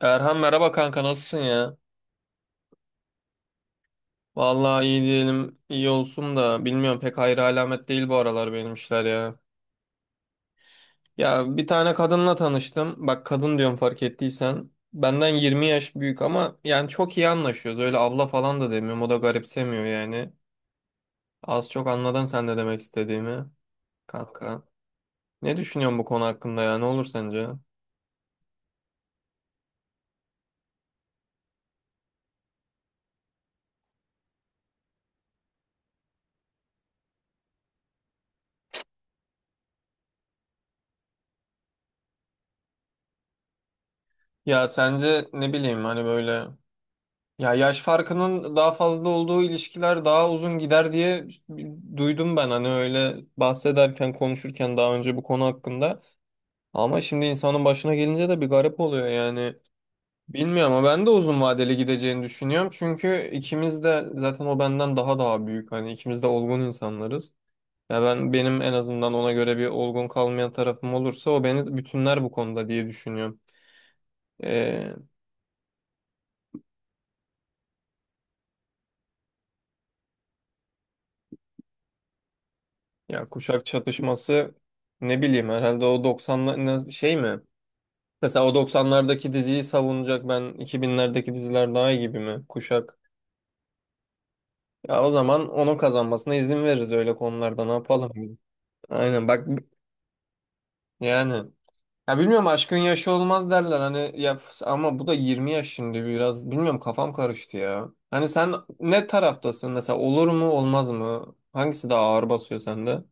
Erhan merhaba kanka nasılsın ya? Vallahi iyi diyelim iyi olsun da bilmiyorum pek hayra alamet değil bu aralar benim işler ya. Ya bir tane kadınla tanıştım. Bak kadın diyorum fark ettiysen. Benden 20 yaş büyük ama yani çok iyi anlaşıyoruz. Öyle abla falan da demiyorum. O da garipsemiyor yani. Az çok anladın sen de demek istediğimi kanka. Ne düşünüyorsun bu konu hakkında ya? Ne olur sence? Ya sence ne bileyim hani böyle, ya yaş farkının daha fazla olduğu ilişkiler daha uzun gider diye duydum ben hani öyle bahsederken konuşurken daha önce bu konu hakkında. Ama şimdi insanın başına gelince de bir garip oluyor yani. Bilmiyorum ama ben de uzun vadeli gideceğini düşünüyorum. Çünkü ikimiz de zaten o benden daha büyük. Hani ikimiz de olgun insanlarız. Ya ben benim en azından ona göre bir olgun kalmayan tarafım olursa o beni bütünler bu konuda diye düşünüyorum. Ee, Ya kuşak çatışması ne bileyim herhalde o 90'lar şey mi? Mesela o doksanlardaki diziyi savunacak ben 2000'lerdeki diziler daha iyi gibi mi? Kuşak. Ya o zaman onun kazanmasına izin veririz öyle konularda ne yapalım? Aynen bak yani. Ya bilmiyorum aşkın yaşı olmaz derler hani ya ama bu da 20 yaş şimdi biraz bilmiyorum kafam karıştı ya. Hani sen ne taraftasın mesela olur mu olmaz mı? Hangisi daha ağır basıyor sende?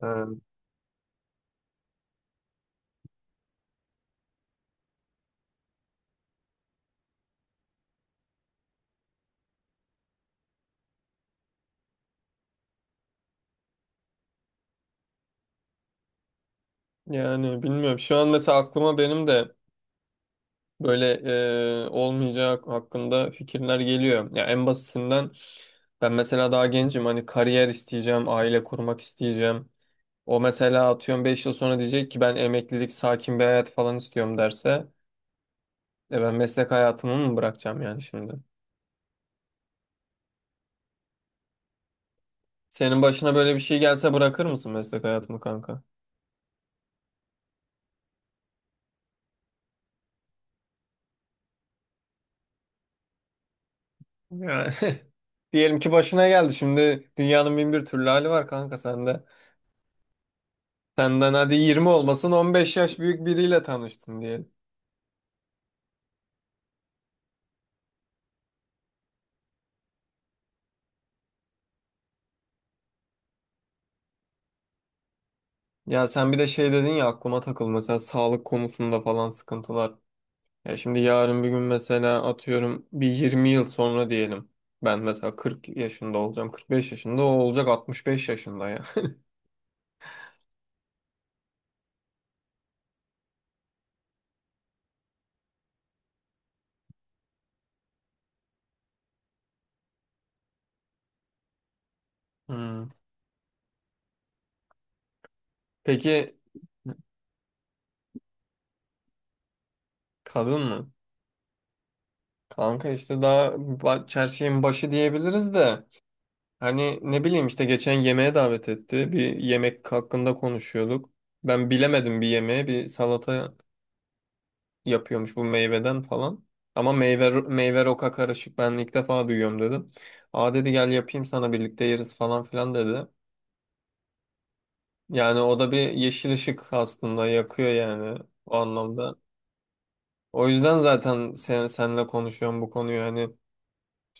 Ha. Yani bilmiyorum şu an mesela aklıma benim de böyle olmayacağı hakkında fikirler geliyor. Ya en basitinden ben mesela daha gencim hani kariyer isteyeceğim, aile kurmak isteyeceğim. O mesela atıyorum 5 yıl sonra diyecek ki ben emeklilik, sakin bir hayat falan istiyorum derse ben meslek hayatımı mı bırakacağım yani şimdi? Senin başına böyle bir şey gelse bırakır mısın meslek hayatımı kanka? Yani diyelim ki başına geldi şimdi dünyanın bin bir türlü hali var kanka sende. Senden hadi 20 olmasın 15 yaş büyük biriyle tanıştın diyelim. Ya sen bir de şey dedin ya aklıma takıldı mesela sağlık konusunda falan sıkıntılar. Ya şimdi yarın bir gün mesela atıyorum bir 20 yıl sonra diyelim. Ben mesela 40 yaşında olacağım, 45 yaşında o olacak 65 yaşında ya. Hmm. Peki kadın mı? Kanka işte her şeyin başı diyebiliriz de hani ne bileyim işte geçen yemeğe davet etti. Bir yemek hakkında konuşuyorduk. Ben bilemedim bir yemeğe bir salata yapıyormuş bu meyveden falan. Ama meyve roka karışık ben ilk defa duyuyorum dedim. Aa dedi gel yapayım sana birlikte yeriz falan filan dedi. Yani o da bir yeşil ışık aslında yakıyor yani o anlamda. O yüzden zaten senle konuşuyorum bu konuyu hani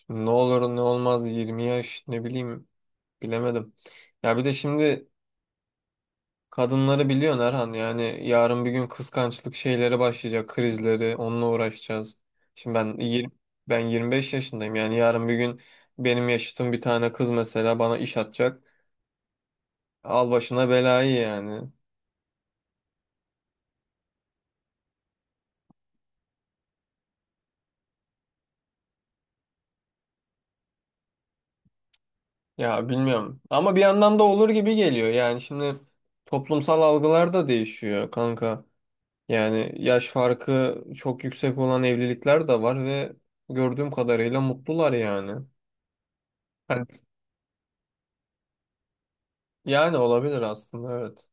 ne olur ne olmaz 20 yaş ne bileyim bilemedim. Ya bir de şimdi kadınları biliyorsun Erhan yani yarın bir gün kıskançlık şeyleri başlayacak krizleri onunla uğraşacağız. Şimdi ben 25 yaşındayım yani yarın bir gün benim yaşıtım bir tane kız mesela bana iş atacak. Al başına belayı yani. Ya bilmiyorum ama bir yandan da olur gibi geliyor yani şimdi toplumsal algılar da değişiyor kanka. Yani yaş farkı çok yüksek olan evlilikler de var ve gördüğüm kadarıyla mutlular yani. Hani- Yani olabilir aslında evet.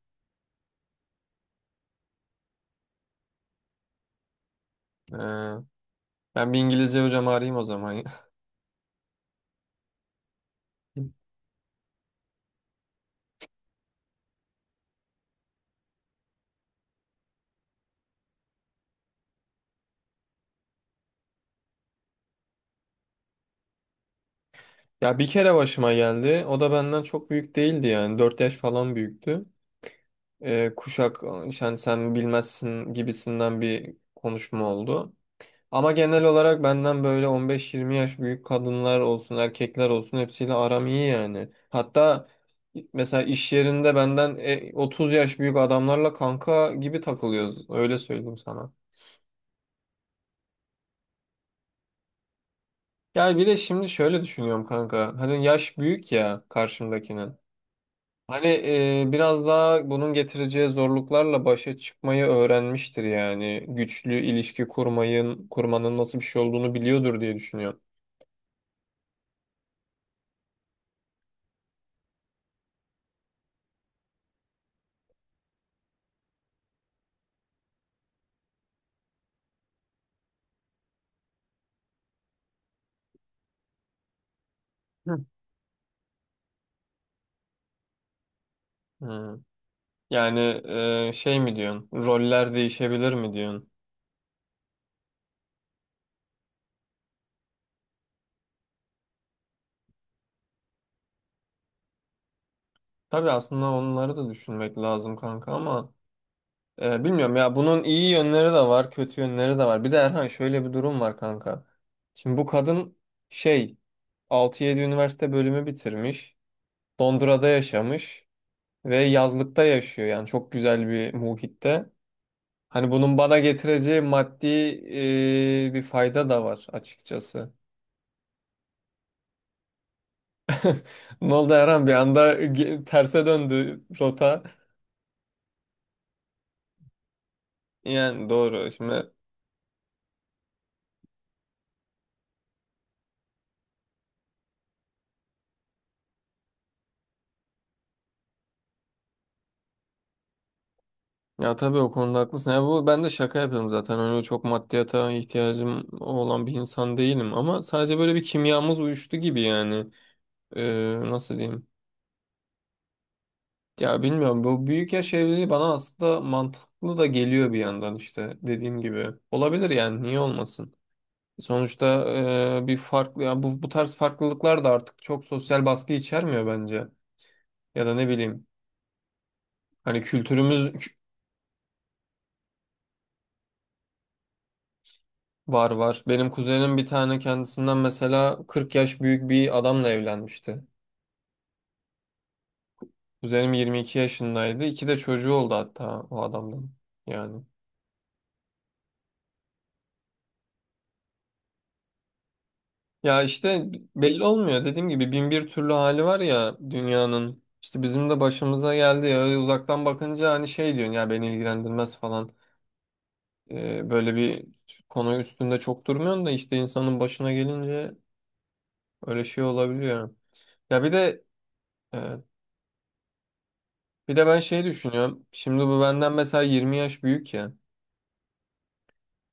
Ee, ben bir İngilizce hocam arayayım o zaman ya. Ya bir kere başıma geldi. O da benden çok büyük değildi yani. 4 yaş falan büyüktü. Kuşak yani sen bilmezsin gibisinden bir konuşma oldu. Ama genel olarak benden böyle 15-20 yaş büyük kadınlar olsun, erkekler olsun hepsiyle aram iyi yani. Hatta mesela iş yerinde benden 30 yaş büyük adamlarla kanka gibi takılıyoruz. Öyle söyleyeyim sana. Ya bir de şimdi şöyle düşünüyorum kanka. Hani yaş büyük ya karşımdakinin. Hani biraz daha bunun getireceği zorluklarla başa çıkmayı öğrenmiştir yani. Güçlü ilişki kurmayın, kurmanın nasıl bir şey olduğunu biliyordur diye düşünüyorum. Hı. Hmm. Yani şey mi diyorsun? Roller değişebilir mi diyorsun? Tabii aslında onları da düşünmek lazım kanka ama bilmiyorum ya bunun iyi yönleri de var, kötü yönleri de var. Bir de Erhan şöyle bir durum var kanka. Şimdi bu kadın şey 6-7 üniversite bölümü bitirmiş. Londra'da yaşamış ve yazlıkta yaşıyor. Yani çok güzel bir muhitte. Hani bunun bana getireceği maddi bir fayda da var açıkçası. Ne oldu Erhan? Bir anda terse döndü rota. Yani doğru. Şimdi, ya tabii o konuda haklısın. Ya bu ben de şaka yapıyorum zaten. Öyle çok maddiyata ihtiyacım olan bir insan değilim ama sadece böyle bir kimyamız uyuştu gibi yani. Nasıl diyeyim? Ya bilmiyorum bu büyük yaş evliliği bana aslında mantıklı da geliyor bir yandan işte dediğim gibi. Olabilir yani niye olmasın? Sonuçta bir farklı ya bu tarz farklılıklar da artık çok sosyal baskı içermiyor bence. Ya da ne bileyim hani kültürümüz var, var. Benim kuzenim bir tane kendisinden mesela 40 yaş büyük bir adamla evlenmişti. Kuzenim 22 yaşındaydı. İki de çocuğu oldu hatta o adamdan. Yani. Ya işte belli olmuyor. Dediğim gibi bin bir türlü hali var ya dünyanın. İşte bizim de başımıza geldi ya. Öyle uzaktan bakınca hani şey diyorsun ya beni ilgilendirmez falan. Böyle bir konu üstünde çok durmuyorsun da işte insanın başına gelince öyle şey olabiliyor. Ya bir de e, bir de ben şey düşünüyorum. Şimdi bu benden mesela 20 yaş büyük ya.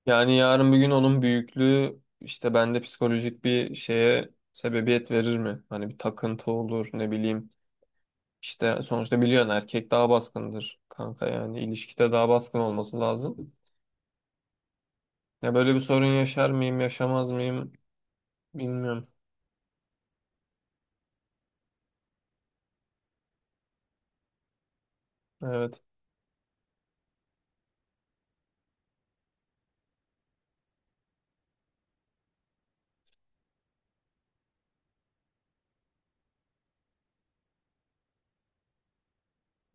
Yani yarın bir gün onun büyüklüğü işte bende psikolojik bir şeye sebebiyet verir mi? Hani bir takıntı olur ne bileyim. İşte sonuçta biliyorsun erkek daha baskındır kanka yani ilişkide daha baskın olması lazım. Ya böyle bir sorun yaşar mıyım, yaşamaz mıyım bilmiyorum. Evet,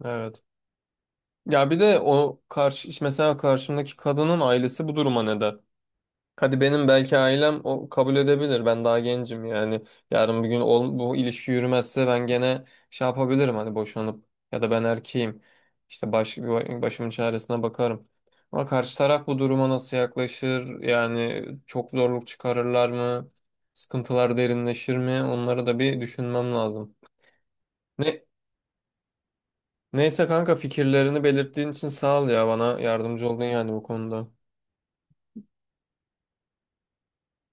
evet. Ya bir de o karşı mesela karşımdaki kadının ailesi bu duruma ne der? Hadi benim belki ailem o kabul edebilir. Ben daha gencim yani. Yarın bir gün bu ilişki yürümezse ben gene şey yapabilirim hani boşanıp ya da ben erkeğim. İşte başımın çaresine bakarım. Ama karşı taraf bu duruma nasıl yaklaşır? Yani çok zorluk çıkarırlar mı? Sıkıntılar derinleşir mi? Onları da bir düşünmem lazım. Ne, neyse kanka fikirlerini belirttiğin için sağ ol ya bana yardımcı oldun yani bu konuda.